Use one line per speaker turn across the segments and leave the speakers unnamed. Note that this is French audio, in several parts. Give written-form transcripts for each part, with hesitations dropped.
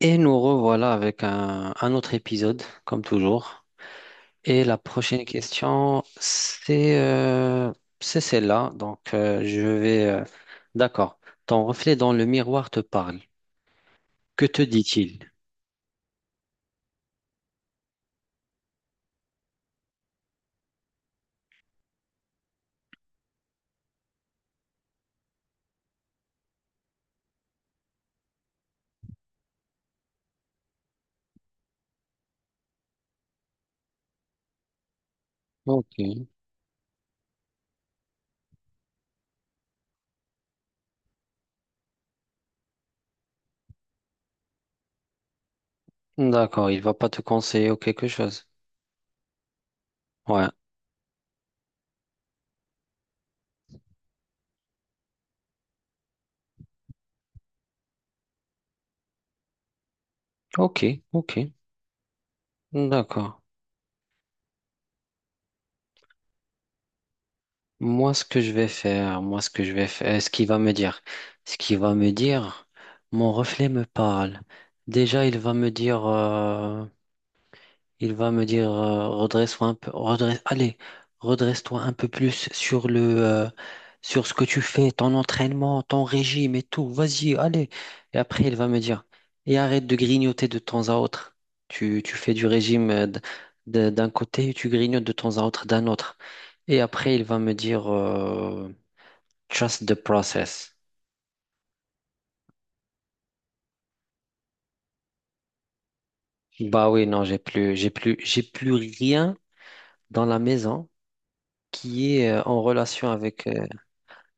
Et nous revoilà avec un autre épisode, comme toujours. Et la prochaine question, c'est celle-là. Donc, je vais... D'accord. Ton reflet dans le miroir te parle. Que te dit-il? Ok. D'accord, il va pas te conseiller ou quelque chose. Ouais. Ok, ok. D'accord. Moi, ce que je vais faire, moi, ce que je vais faire, ce qu'il va me dire, ce qu'il va me dire, mon reflet me parle. Déjà, il va me dire… Il va me dire redresse-toi un peu, redresse, allez, redresse-toi un peu plus sur le sur ce que tu fais, ton entraînement, ton régime et tout. Vas-y, allez. Et après, il va me dire et arrête de grignoter de temps à autre. Tu fais du régime d'un côté et tu grignotes de temps à autre d'un autre. Et après, il va me dire trust the process. Bah oui, non, j'ai plus rien dans la maison qui est en relation avec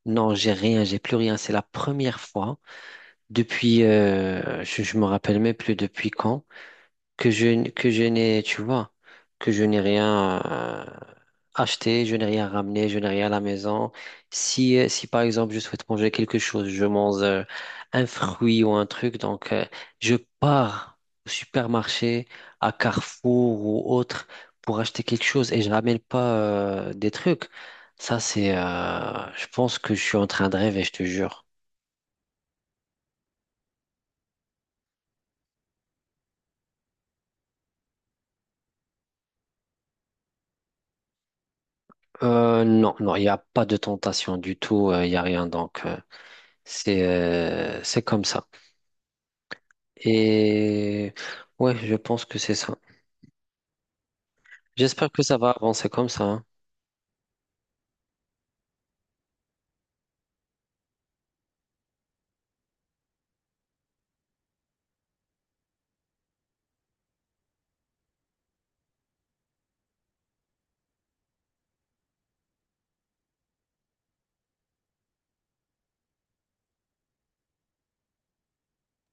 non, j'ai rien, j'ai plus rien. C'est la première fois depuis, je me rappelle même plus depuis quand, que je n'ai, tu vois, que je n'ai rien acheté, je n'ai rien ramené, je n'ai rien à la maison. Si, si par exemple je souhaite manger quelque chose, je mange un fruit ou un truc, donc je pars au supermarché, à Carrefour ou autre pour acheter quelque chose et je ramène pas des trucs. Ça, je pense que je suis en train de rêver, je te jure. Non, il n'y a pas de tentation du tout, il n'y a rien donc. C'est comme ça. Et ouais, je pense que c'est ça. J'espère que ça va avancer comme ça, hein.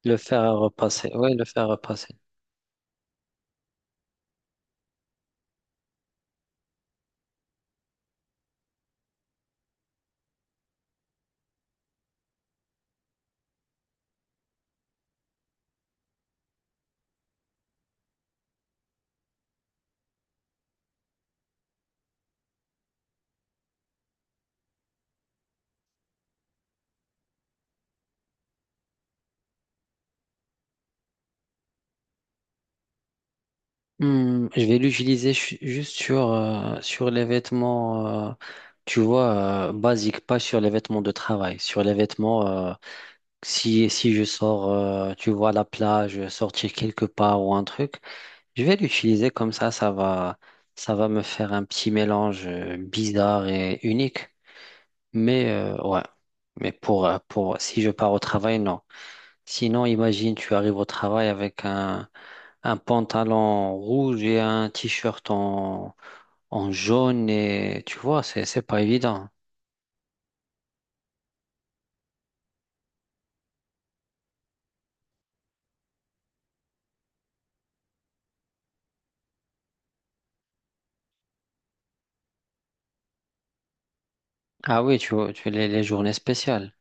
Le fer à repasser. Ouais, le fer à repasser. Hmm, je vais juste sur, sur les vêtements, tu vois, basiques, pas sur les vêtements de travail. Sur les vêtements, si je sors, tu vois, à la plage, sortir quelque part ou un truc, je vais l'utiliser comme ça. Ça va me faire un petit mélange bizarre et unique. Mais ouais, mais pour si je pars au travail, non. Sinon, imagine, tu arrives au travail avec un pantalon rouge et un t-shirt en, en jaune et tu vois, c'est pas évident. Ah oui, tu vois, les journées spéciales.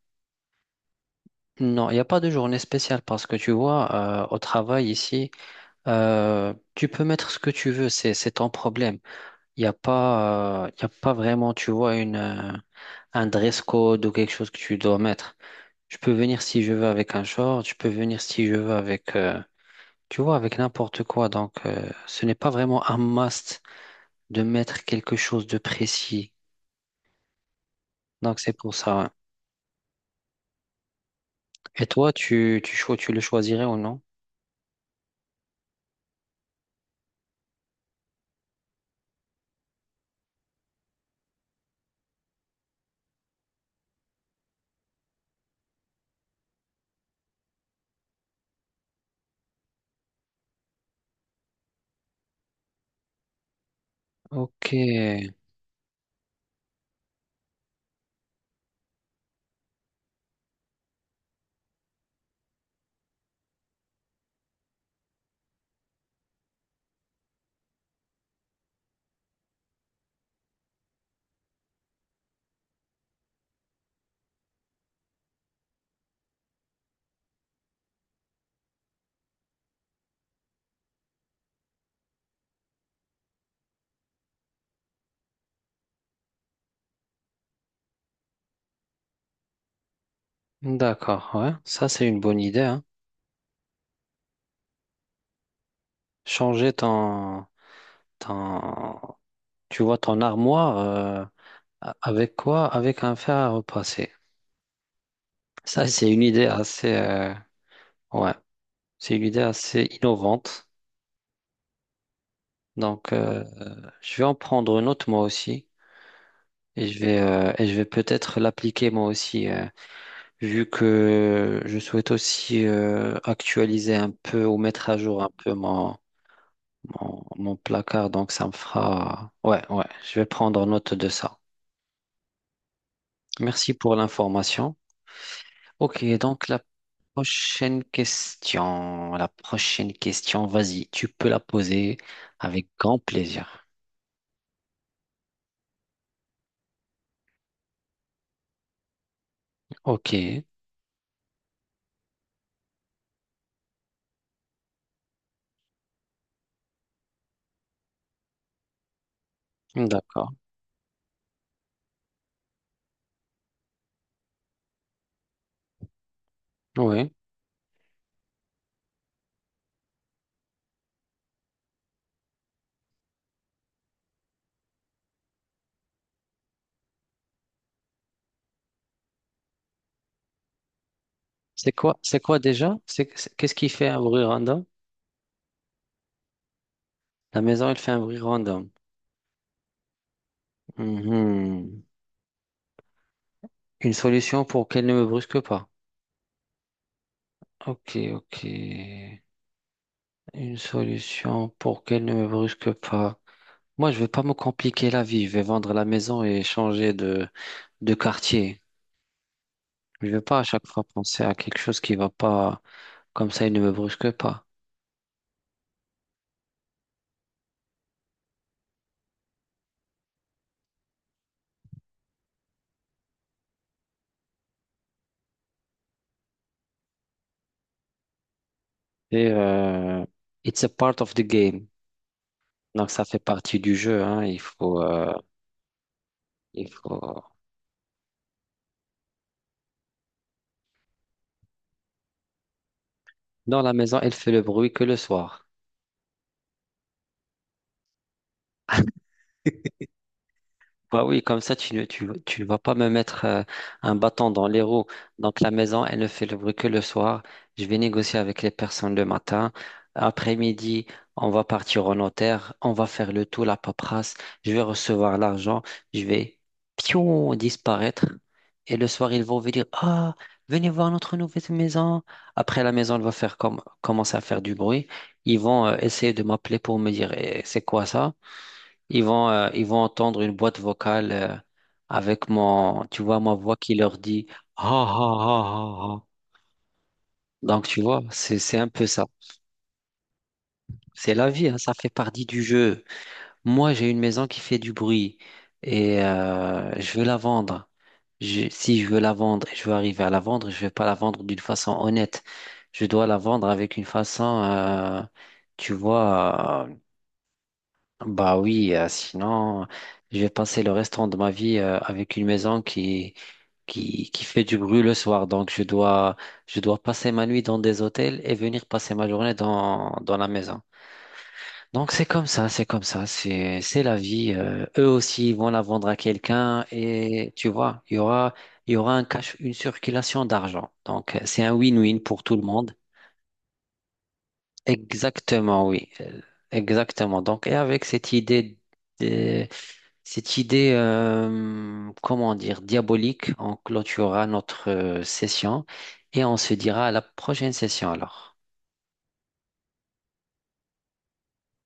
Non, il n'y a pas de journée spéciale parce que tu vois, au travail ici, tu peux mettre ce que tu veux, c'est ton problème. Il n'y a pas, il y a pas vraiment, tu vois, un dress code ou quelque chose que tu dois mettre. Je peux venir si je veux avec un short, je peux venir si je veux avec, tu vois, avec n'importe quoi. Donc, ce n'est pas vraiment un must de mettre quelque chose de précis. Donc, c'est pour ça, ouais. Et toi, tu le choisirais ou non? Ok, d'accord, ouais. Ça, c'est une bonne idée, hein. Changer ton, ton, tu vois, ton armoire, a- avec quoi? Avec un fer à repasser. Ça, c'est une idée assez, ouais. C'est une idée assez innovante. Donc, je vais en prendre une autre moi aussi et je vais peut-être l'appliquer moi aussi, vu que je souhaite aussi actualiser un peu ou mettre à jour un peu mon, mon, mon placard. Donc, ça me fera... Ouais, ouais, je vais prendre note de ça. Merci pour l'information. Ok, donc la prochaine question, vas-y, tu peux la poser avec grand plaisir. Ok, d'accord. Oui. C'est quoi déjà? C'est- qu'est-ce qui fait un bruit random? La maison, elle fait un bruit random. Mhm. Une solution pour qu'elle ne me brusque pas. Ok, ok. Une solution pour qu'elle ne me brusque pas. Moi, je vais pas me compliquer la vie. Je vais vendre la maison et changer de quartier. Je vais pas à chaque fois penser à quelque chose qui va pas. Comme ça, il ne me brusque pas. Et it's a part of the game. Donc, ça fait partie du jeu, hein. Il faut, il faut. Dans la maison, elle fait le bruit que le soir. Bah oui, comme ça, tu ne vas pas me mettre un bâton dans les roues. Donc, la maison, elle ne fait le bruit que le soir. Je vais négocier avec les personnes le matin. Après-midi, on va partir au notaire. On va faire le tout, la paperasse. Je vais recevoir l'argent. Je vais, pion, disparaître. Et le soir, ils vont venir. Ah, venez voir notre nouvelle maison. Après, la maison, elle va faire comme, commencer à faire du bruit. Ils vont essayer de m'appeler pour me dire, eh, c'est quoi ça? Ils vont entendre une boîte vocale avec mon, tu vois, ma voix qui leur dit ha ha ha ha ha. Donc, tu vois, c'est un peu ça. C'est la vie, hein, ça fait partie du jeu. Moi, j'ai une maison qui fait du bruit et je veux la vendre. Je- si je veux la vendre et je veux arriver à la vendre, je ne vais pas la vendre d'une façon honnête. Je dois la vendre avec une façon, tu vois. Bah oui, sinon, je vais passer le restant de ma vie avec une maison qui fait du bruit le soir. Donc, je dois passer ma nuit dans des hôtels et venir passer ma journée dans, dans la maison. Donc, c'est comme ça, c'est comme ça, c'est la vie. Eux aussi, ils vont la vendre à quelqu'un et tu vois, il y aura un cash, une circulation d'argent. Donc, c'est un win-win pour tout le monde. Exactement, oui. Exactement. Donc, et avec cette idée de- cette idée, comment dire, diabolique, on clôturera notre session et on se dira à la prochaine session alors.